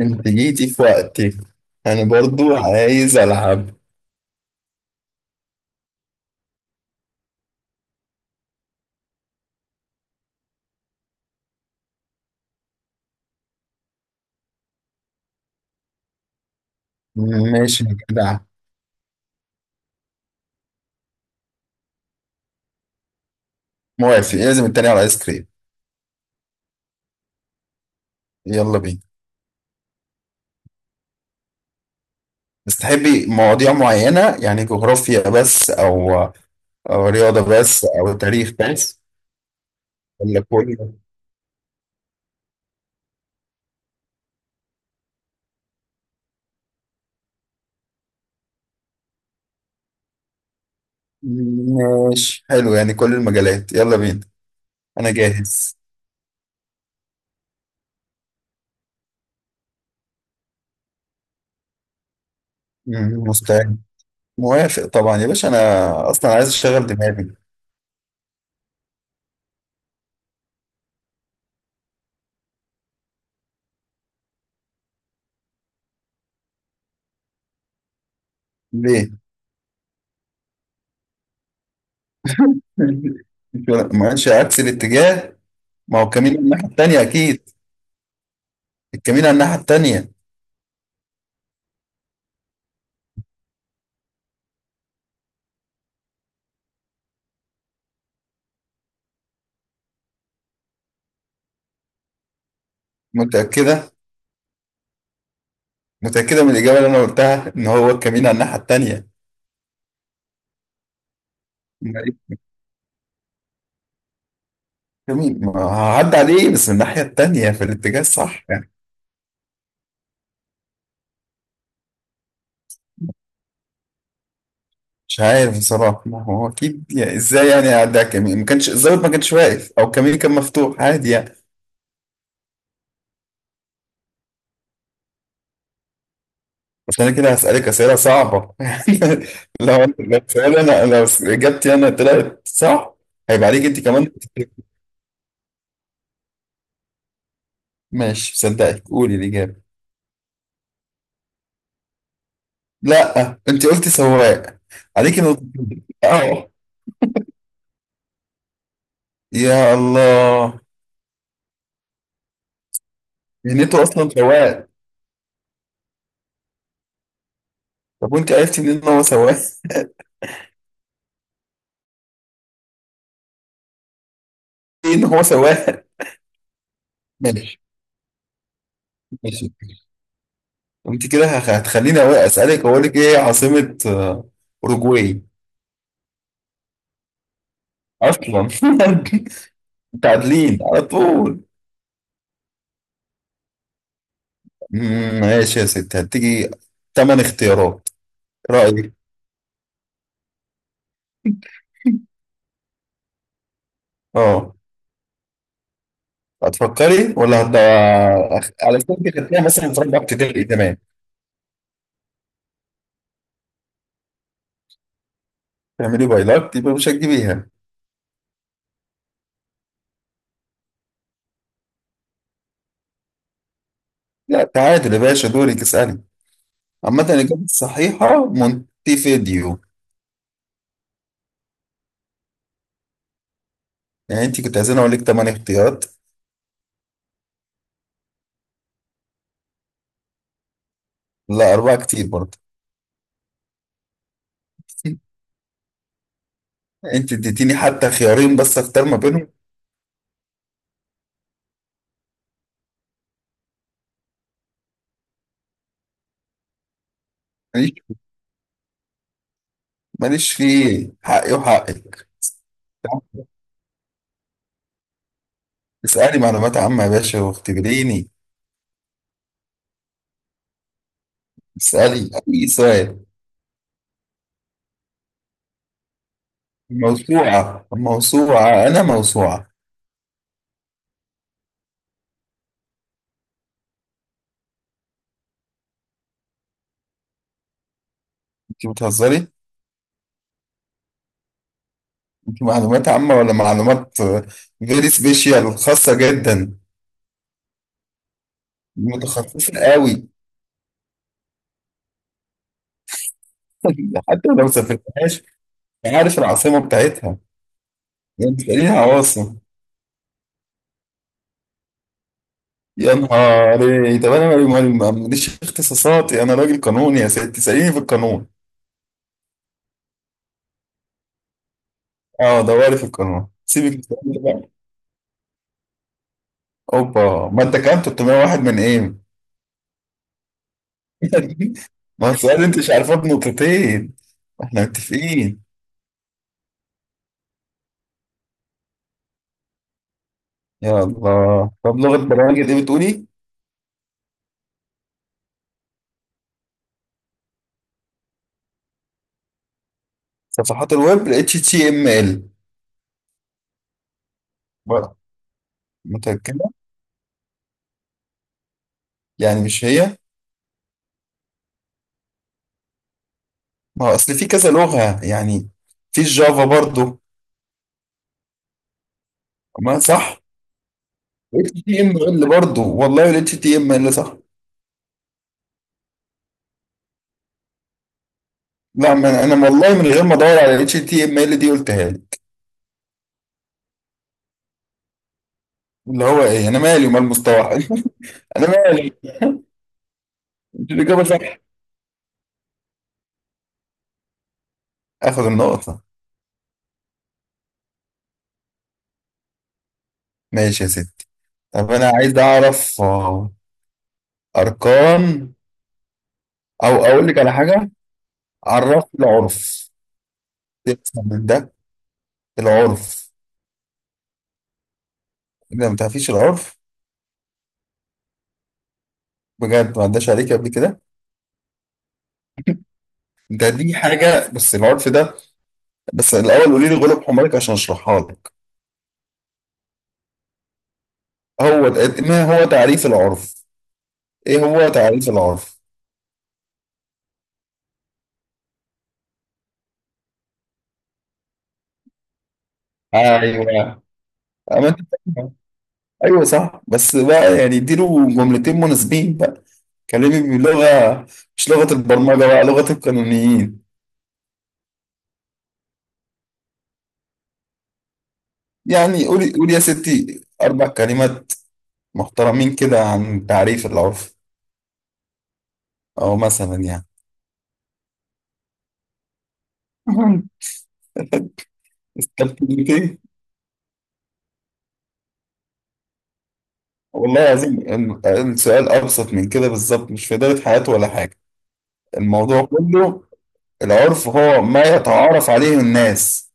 انت جيتي في وقتي. انا برضو عايز العب. ماشي يا جدع. موافق، لازم التاني على الايس كريم. يلا بينا. بس تحبي مواضيع معينة يعني جغرافيا بس او او رياضة بس او تاريخ بس ولا كله؟ ماشي حلو يعني كل المجالات، يلا بينا انا جاهز. مستعد. موافق طبعا يا باشا، انا اصلا عايز اشغل دماغي. ليه؟ ما ماشي عكس الاتجاه. ما هو كمين الناحية التانية اكيد. الكمين على الناحية التانية. متأكدة؟ متأكدة من الإجابة اللي أنا قلتها إن هو الكمين على الناحية التانية. ما إيه، الكمين ما هعدي عليه بس من الناحية التانية في الاتجاه الصح يعني. مش عارف بصراحة، ما هو أكيد يعني إزاي يعني أعدي على الكمين؟ ما كانش الظابط ما كانش واقف أو الكمين كان مفتوح عادي يعني. بس أنا كده هسألك أسئلة صعبة يعني. لو سؤال أنا، لو إجابتي أنا طلعت صح هيبقى عليك أنت كمان. ماشي صدقك، قولي الإجابة. لا أنت قلتي سواق. عليك نقطة. أه. يا الله، يعني انتوا اصلا سواق. طب وانت عرفتي منين ان هو سواق؟ ايه ان هو سواق. ماشي. ماشي. انت كده هتخليني أوي اسالك. اقول لك ايه عاصمة اوروجواي؟ اصلا متعادلين على طول. ماشي يا ست، هتيجي تمن اختيارات. رايك؟ اه. هتفكري ولا؟ على سبيل التخيل مثلا في رابعه ابتدائي تمام. تعملي بايلات يبقى مش هتجيبيها. لا تعادل يا باشا، دورك اسالي. عامة الإجابة الصحيحة مونتيفيديو. يعني أنت كنت عايزين أقول لك تمانية اختيارات. لا أربعة كتير برضه. أنت اديتيني حتى خيارين بس أختار ما بينهم. ماليش. ماليش فيه حقي وحقك. اسألي معلومات عامة يا باشا واختبريني. اسألي أي سؤال. موسوعة موسوعة، أنا موسوعة. أنت بتهزري؟ أنت معلومات عامة ولا معلومات فيري سبيشال خاصة جدا؟ متخصصة قوي. حتى لو سافرتهاش. عارف العاصمة بتاعتها؟ انت ليها عواصم؟ يا نهار إيه. طب انا ماليش اختصاصاتي، انا راجل قانوني يا سيدي، تساليني في القانون. اه دوري في القانون، سيبك من السؤال ده بقى. اوبا، ما انت كام 301 من ايه؟ ما هو السؤال انت مش عارفاه بنقطتين. احنا متفقين. يا الله، طب لغه برامج ايه بتقولي؟ صفحات الويب، ال اتش تي ام ال. بقى متاكده؟ يعني مش هي؟ ما هو اصل في كذا لغه يعني، في الجافا برضو. ما صح؟ اتش تي ام ال برضه، والله الاتش تي ام ال صح. لا ما انا والله من غير ما ادور على الاتش تي ام ال دي قلتها لي. اللي هو ايه؟ انا مالي ومال مستوحى انا مالي. مش الاجابه صح؟ اخد النقطه. ماشي يا ست. طب انا عايز اعرف اركان، او اقول لك على حاجه. عرف العرف؟ تفهم من ده العرف؟ اذا ما تعرفيش العرف بجد، ما عداش عليك قبل كده؟ ده دي حاجه بس العرف ده. بس الاول قولي لي غلب حمارك عشان اشرحها لك. ما هو تعريف العرف؟ ايه هو تعريف العرف؟ ايوه. أما أنت فاهمها. ايوه صح، بس بقى يعني اديله جملتين مناسبين بقى. كلمي بلغه، مش لغه البرمجه بقى، لغه القانونيين. يعني قولي قولي يا ستي اربع كلمات محترمين كده عن تعريف العرف، او مثلا يعني. مهم. استبدلتين. والله العظيم السؤال ابسط من كده بالظبط، مش في اداره حياته ولا حاجه. الموضوع كله، العرف هو ما يتعارف عليه الناس،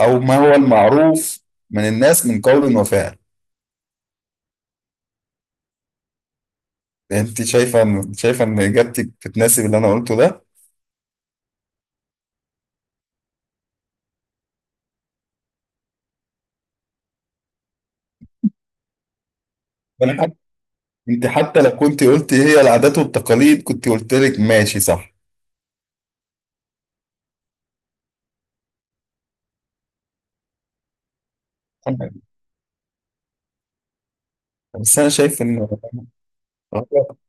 أو ما هو المعروف من الناس من قول وفعل. أنت شايفة إن، شايفة إن إجابتك بتناسب اللي أنا قلته ده؟ أنا حتى، أنت حتى لو كنت قلت هي العادات والتقاليد كنت قلت لك ماشي صح. بس أنا شايف إن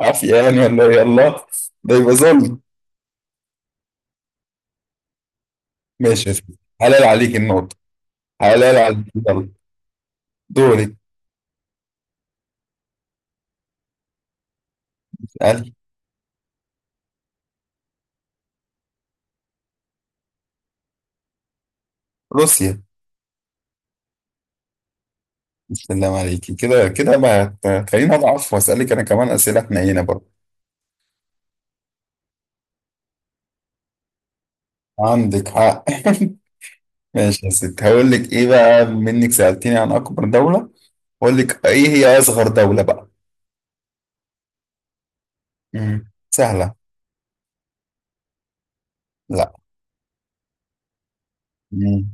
عافية يعني ولا يلا؟ ده يبقى ظلم. ماشي يا سيدي. حلال عليك النقطة. حلال عليك، يلا. دورك. اسألي. روسيا. السلام عليكي كده كده، ما ت- خليني أضعف وأسألك أنا كمان أسئلة حنينة برضه. عندك حق. ماشي يا ست، هقول لك ايه بقى منك؟ سألتيني عن اكبر دولة، هقول لك ايه هي اصغر دولة بقى. مم. سهلة. لا. مم.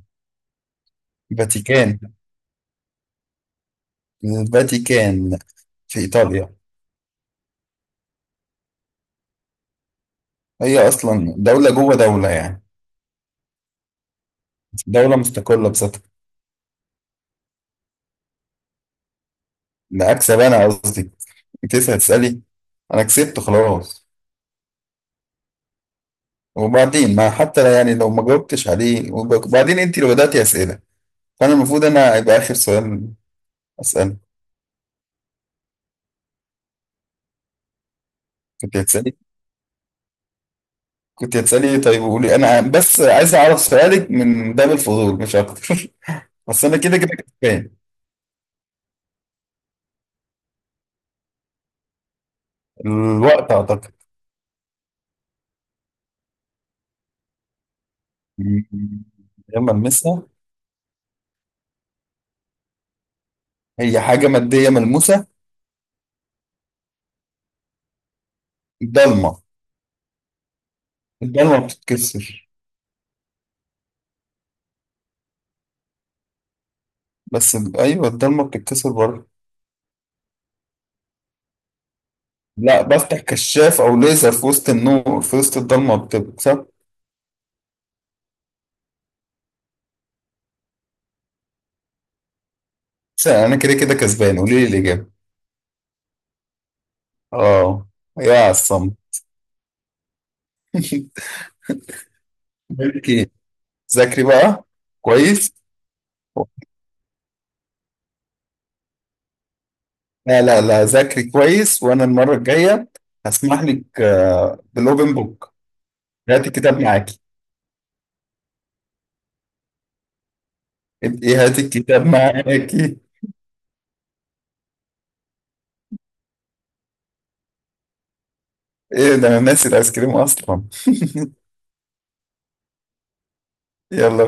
فاتيكان. الفاتيكان، في ايطاليا. هي اصلا دولة جوه دولة يعني، دولة مستقلة بذاتها. ده اكسب انا قصدي. انت لسه هتسألي؟ انا كسبت خلاص. وبعدين ما حتى يعني لو ما جاوبتش عليه، وبعدين انت اللي بدأتي اسئلة، فانا المفروض انا يبقى اخر سؤال اسأله. كنت هتسألي، كنت هتسألي ايه طيب؟ وقولي، انا بس عايز اعرف سؤالك من باب الفضول مش اكتر بس انا كده كده كسبان. الوقت اعتقد. مم، لما المسها. هي حاجة مادية ملموسة. الضلمة. الضلمة بتتكسر. بس ايوه الضلمة بتتكسر برضه. لا، بفتح كشاف او ليزر في وسط النور، في وسط الضلمة بتكسر. بس انا كده كده كسبان، قولي لي الاجابة. اه. يا عصام اوكي. ذاكري بقى. كويس. لا ذاكري كويس وانا المره الجايه هسمح لك بالاوبن بوك. هاتي الكتاب معاكي. إنت ايه، هاتي الكتاب معاكي. ايه ده، انا ناسي الايس كريم اصلا. يلا.